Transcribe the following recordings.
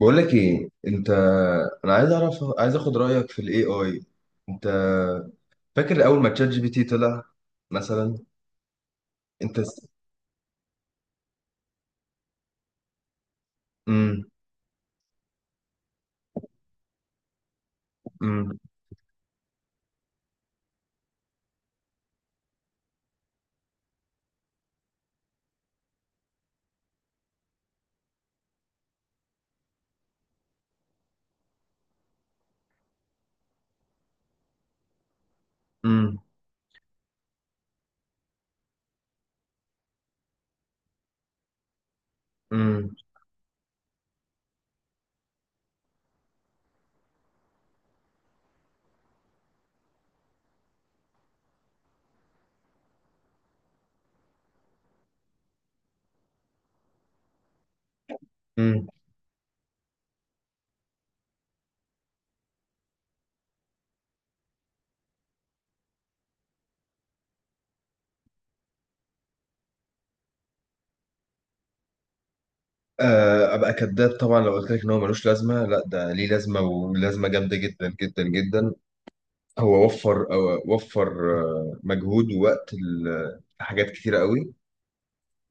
بقول لك ايه انت. انا عايز اعرف، عايز اخد رايك في الاي اي. انت فاكر اول ما تشات جي بي تي طلع مثلا؟ انت س... مم. مم. مم. مم. مم. ابقى كذاب طبعا لو قلت لك ان هو ملوش لازمه. لا ده ليه لازمه، ولازمه جامده جدا جدا جدا. هو وفر وفر مجهود ووقت لحاجات كتيره قوي.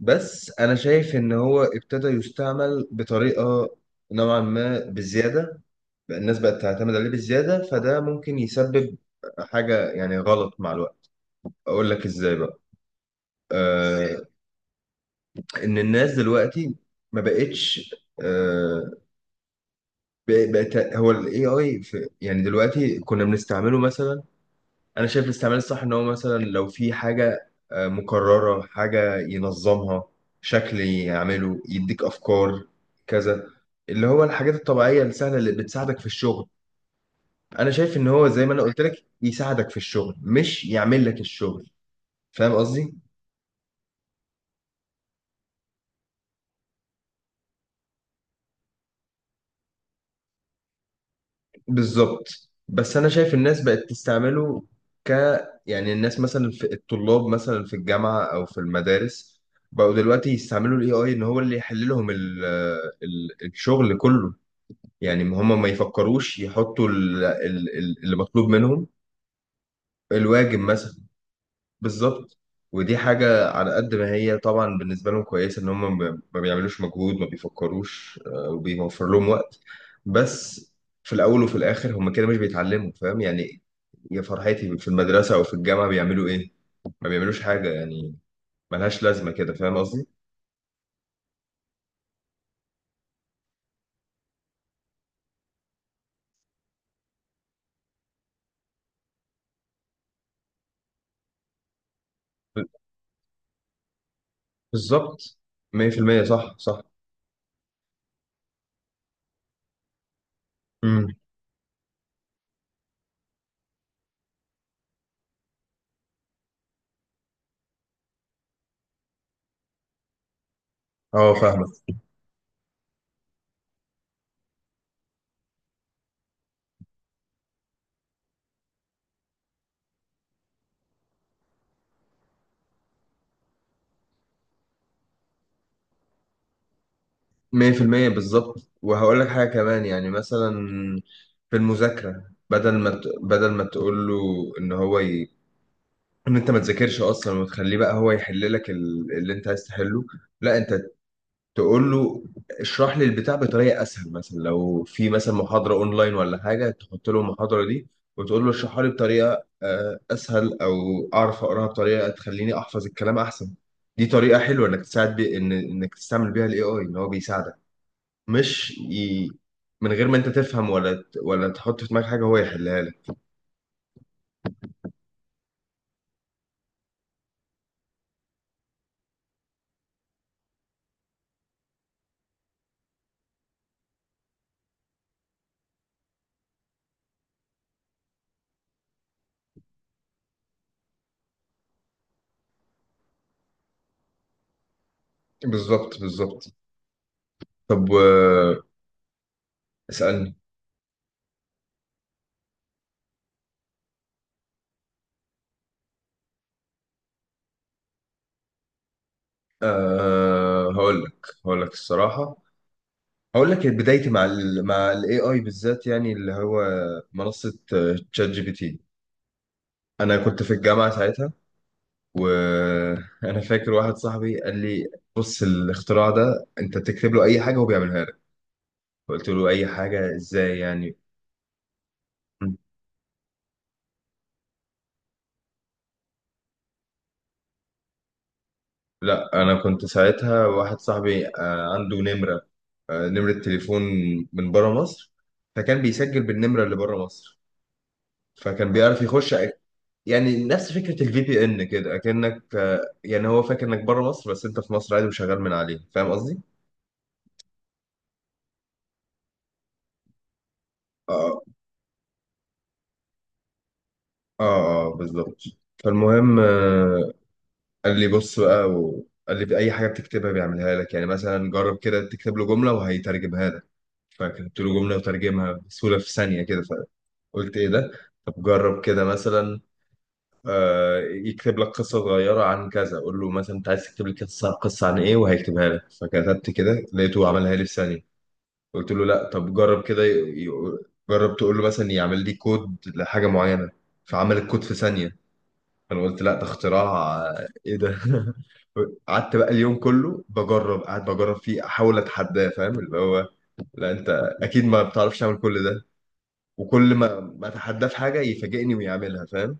بس انا شايف ان هو ابتدى يستعمل بطريقه نوعا ما بزياده. بقى الناس بقت تعتمد عليه بزيادة، فده ممكن يسبب حاجة يعني غلط مع الوقت. أقول لك إزاي بقى. آه. إن الناس دلوقتي ما بقتش، آه، بقت هو ال AI في يعني دلوقتي كنا بنستعمله مثلا. أنا شايف الاستعمال الصح إن هو مثلا لو في حاجة آه مكررة حاجة ينظمها، شكل يعمله، يديك أفكار، كذا، اللي هو الحاجات الطبيعية السهلة اللي بتساعدك في الشغل. انا شايف ان هو زي ما انا قلت لك، يساعدك في الشغل مش يعمل لك الشغل. فاهم قصدي؟ بالظبط. بس انا شايف الناس بقت تستعمله ك يعني الناس مثلا، في الطلاب مثلا في الجامعه او في المدارس، بقوا دلوقتي يستعملوا الاي اي ان هو اللي يحل لهم الشغل كله. يعني هم ما يفكروش يحطوا اللي مطلوب منهم. الواجب مثلا. بالظبط. ودي حاجة على قد ما هي طبعا بالنسبة لهم كويسة، إن هم ما بيعملوش مجهود، ما بيفكروش، وبيوفر لهم وقت. بس في الأول وفي الآخر هم كده مش بيتعلموا، فاهم يعني؟ يا فرحتي، في المدرسة أو في الجامعة بيعملوا إيه؟ ما بيعملوش حاجة يعني، ملهاش لازمة كده، فاهم قصدي؟ ب- بالظبط. 100% صح صح. امم. اه فاهمك. 100% بالظبط. وهقول لك حاجة كمان، يعني مثلا في المذاكرة، بدل ما تقول له ان هو ي... ان انت ما تذاكرش اصلا، وتخليه بقى هو يحل لك اللي انت عايز تحله. لا، انت تقول له اشرح لي البتاع بطريقه اسهل. مثلا لو في مثلا محاضره اونلاين ولا حاجه، تحط له المحاضره دي وتقول له اشرحها لي بطريقه اسهل، او اعرف اقراها بطريقه تخليني احفظ الكلام احسن. دي طريقه حلوه انك تساعد بي، ان انك تستعمل بيها الاي اي ان هو بيساعدك، مش ي... من غير ما انت تفهم ولا ولا تحط في دماغك حاجه هو يحلها لك. بالظبط بالظبط. طب و- اسالني. أه، هقول لك الصراحة. هقول لك بدايتي مع مع الاي اي بالذات، يعني اللي هو منصة تشات جي بي تي. انا كنت في الجامعة ساعتها، وانا فاكر واحد صاحبي قال لي بص، الاختراع ده انت تكتب له اي حاجة هو بيعملها لك. قلت له اي حاجة، ازاي يعني؟ م. لا انا كنت ساعتها واحد صاحبي عنده نمرة، نمرة تليفون من بره مصر، فكان بيسجل بالنمرة اللي بره مصر، فكان بيعرف يخش. يعني نفس فكرة الفي بي ان كده، اكنك يعني هو فاكر انك بره مصر بس انت في مصر عادي وشغال من عليه. فاهم قصدي؟ اه اه اه بالظبط. فالمهم قال لي بص بقى، وقال لي في اي حاجة بتكتبها بيعملها لك، يعني مثلا جرب كده تكتب له جملة وهيترجمها لك. فكتبت له جملة وترجمها بسهولة في ثانية كده. فقلت ايه ده؟ طب جرب كده مثلا يكتب لك قصة صغيرة عن كذا، قول له مثلا انت عايز تكتب لي قصة عن ايه، وهيكتبها لك. فكتبت كده لقيته عملها لي في ثانية. قلت له لا، طب جرب كده جرب تقول له مثلا يعمل لي كود لحاجه معينه. فعمل الكود في ثانيه. فانا قلت لا، ده اختراع. ايه ده؟ قعدت بقى اليوم كله بجرب، قاعد بجرب فيه احاول اتحداه، فاهم؟ اللي هو لا انت اكيد ما بتعرفش تعمل كل ده. وكل ما اتحداه في حاجه يفاجئني ويعملها، فاهم؟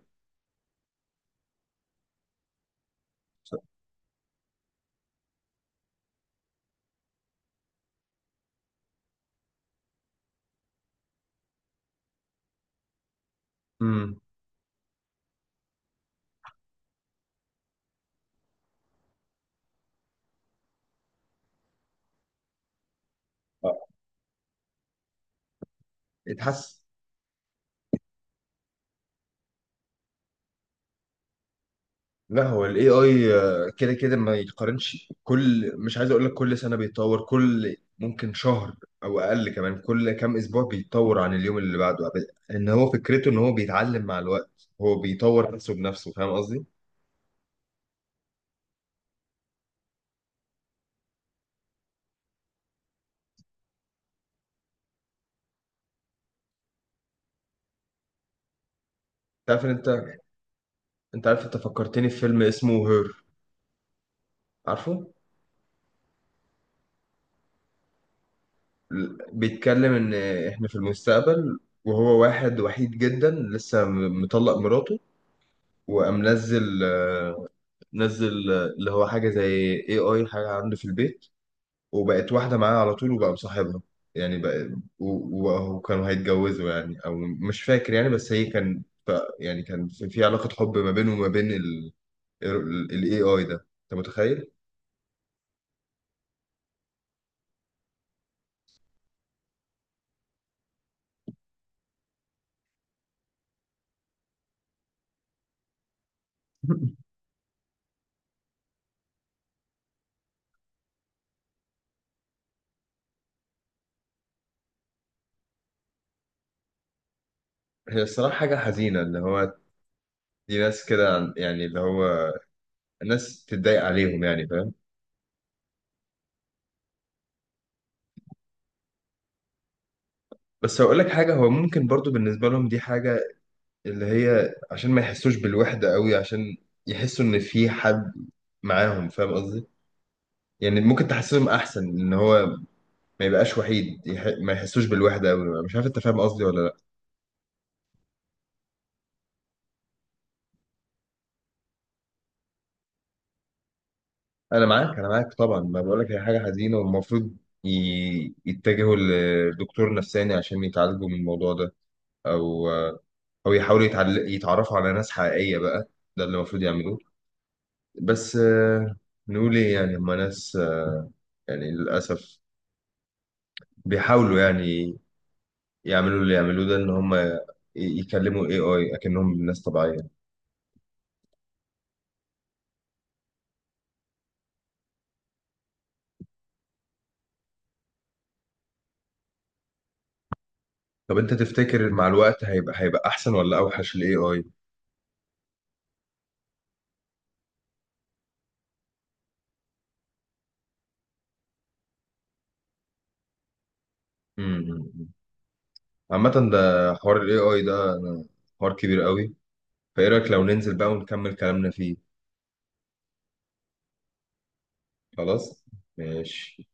امم اتحسن. لا، هو الاي اي كده كده ما يتقارنش. كل، مش عايز اقول لك كل سنه بيتطور، كل ممكن شهر او اقل كمان، كل كام اسبوع بيتطور عن اليوم اللي بعده. ان هو فكرته ان هو بيتعلم مع الوقت، هو بيطور نفسه بنفسه. فاهم قصدي؟ تعرف ان انت، انت عارف انت فكرتني في فيلم اسمه هير؟ عارفه؟ بيتكلم ان احنا في المستقبل، وهو واحد وحيد جدا، لسه مطلق مراته، وقام نزل نزل اللي هو حاجه زي اي اي حاجه عنده في البيت، وبقت واحدة معاه على طول وبقى مصاحبها. يعني بقى وكانوا هيتجوزوا يعني، أو مش فاكر يعني، بس هي كان ف، يعني كان في في علاقة حب ما بينه وما بين ال AI ده. أنت متخيل؟ هي الصراحة حاجة حزينة، اللي هو دي ناس كده يعني اللي هو ناس تتضايق عليهم يعني، فاهم؟ بس هقول لك حاجة، هو ممكن برضو بالنسبة لهم دي حاجة اللي هي عشان ما يحسوش بالوحدة قوي، عشان يحسوا إن في حد معاهم، فاهم قصدي؟ يعني ممكن تحسسهم أحسن إن هو ما يبقاش وحيد، ما يحسوش بالوحده قوي. مش عارف انت فاهم قصدي ولا لا؟ انا معاك انا معاك طبعا، ما بقول لك هي حاجه حزينه، والمفروض يتجهوا لدكتور نفساني عشان يتعالجوا من الموضوع ده، او يحاولوا يتعرفوا على ناس حقيقيه بقى. ده اللي المفروض يعملوه. بس نقول ايه يعني، هما ناس يعني للاسف بيحاولوا يعني يعملوا اللي يعملوه ده، ان هما يكلموا الاي اي اكنهم ناس طبيعيه. طب انت تفتكر مع الوقت هيبقى، هيبقى احسن ولا اوحش الاي اي؟ امم عامة، ده حوار ال AI ده، حوار كبير قوي. فايه رأيك لو ننزل بقى ونكمل كلامنا فيه؟ خلاص ماشي.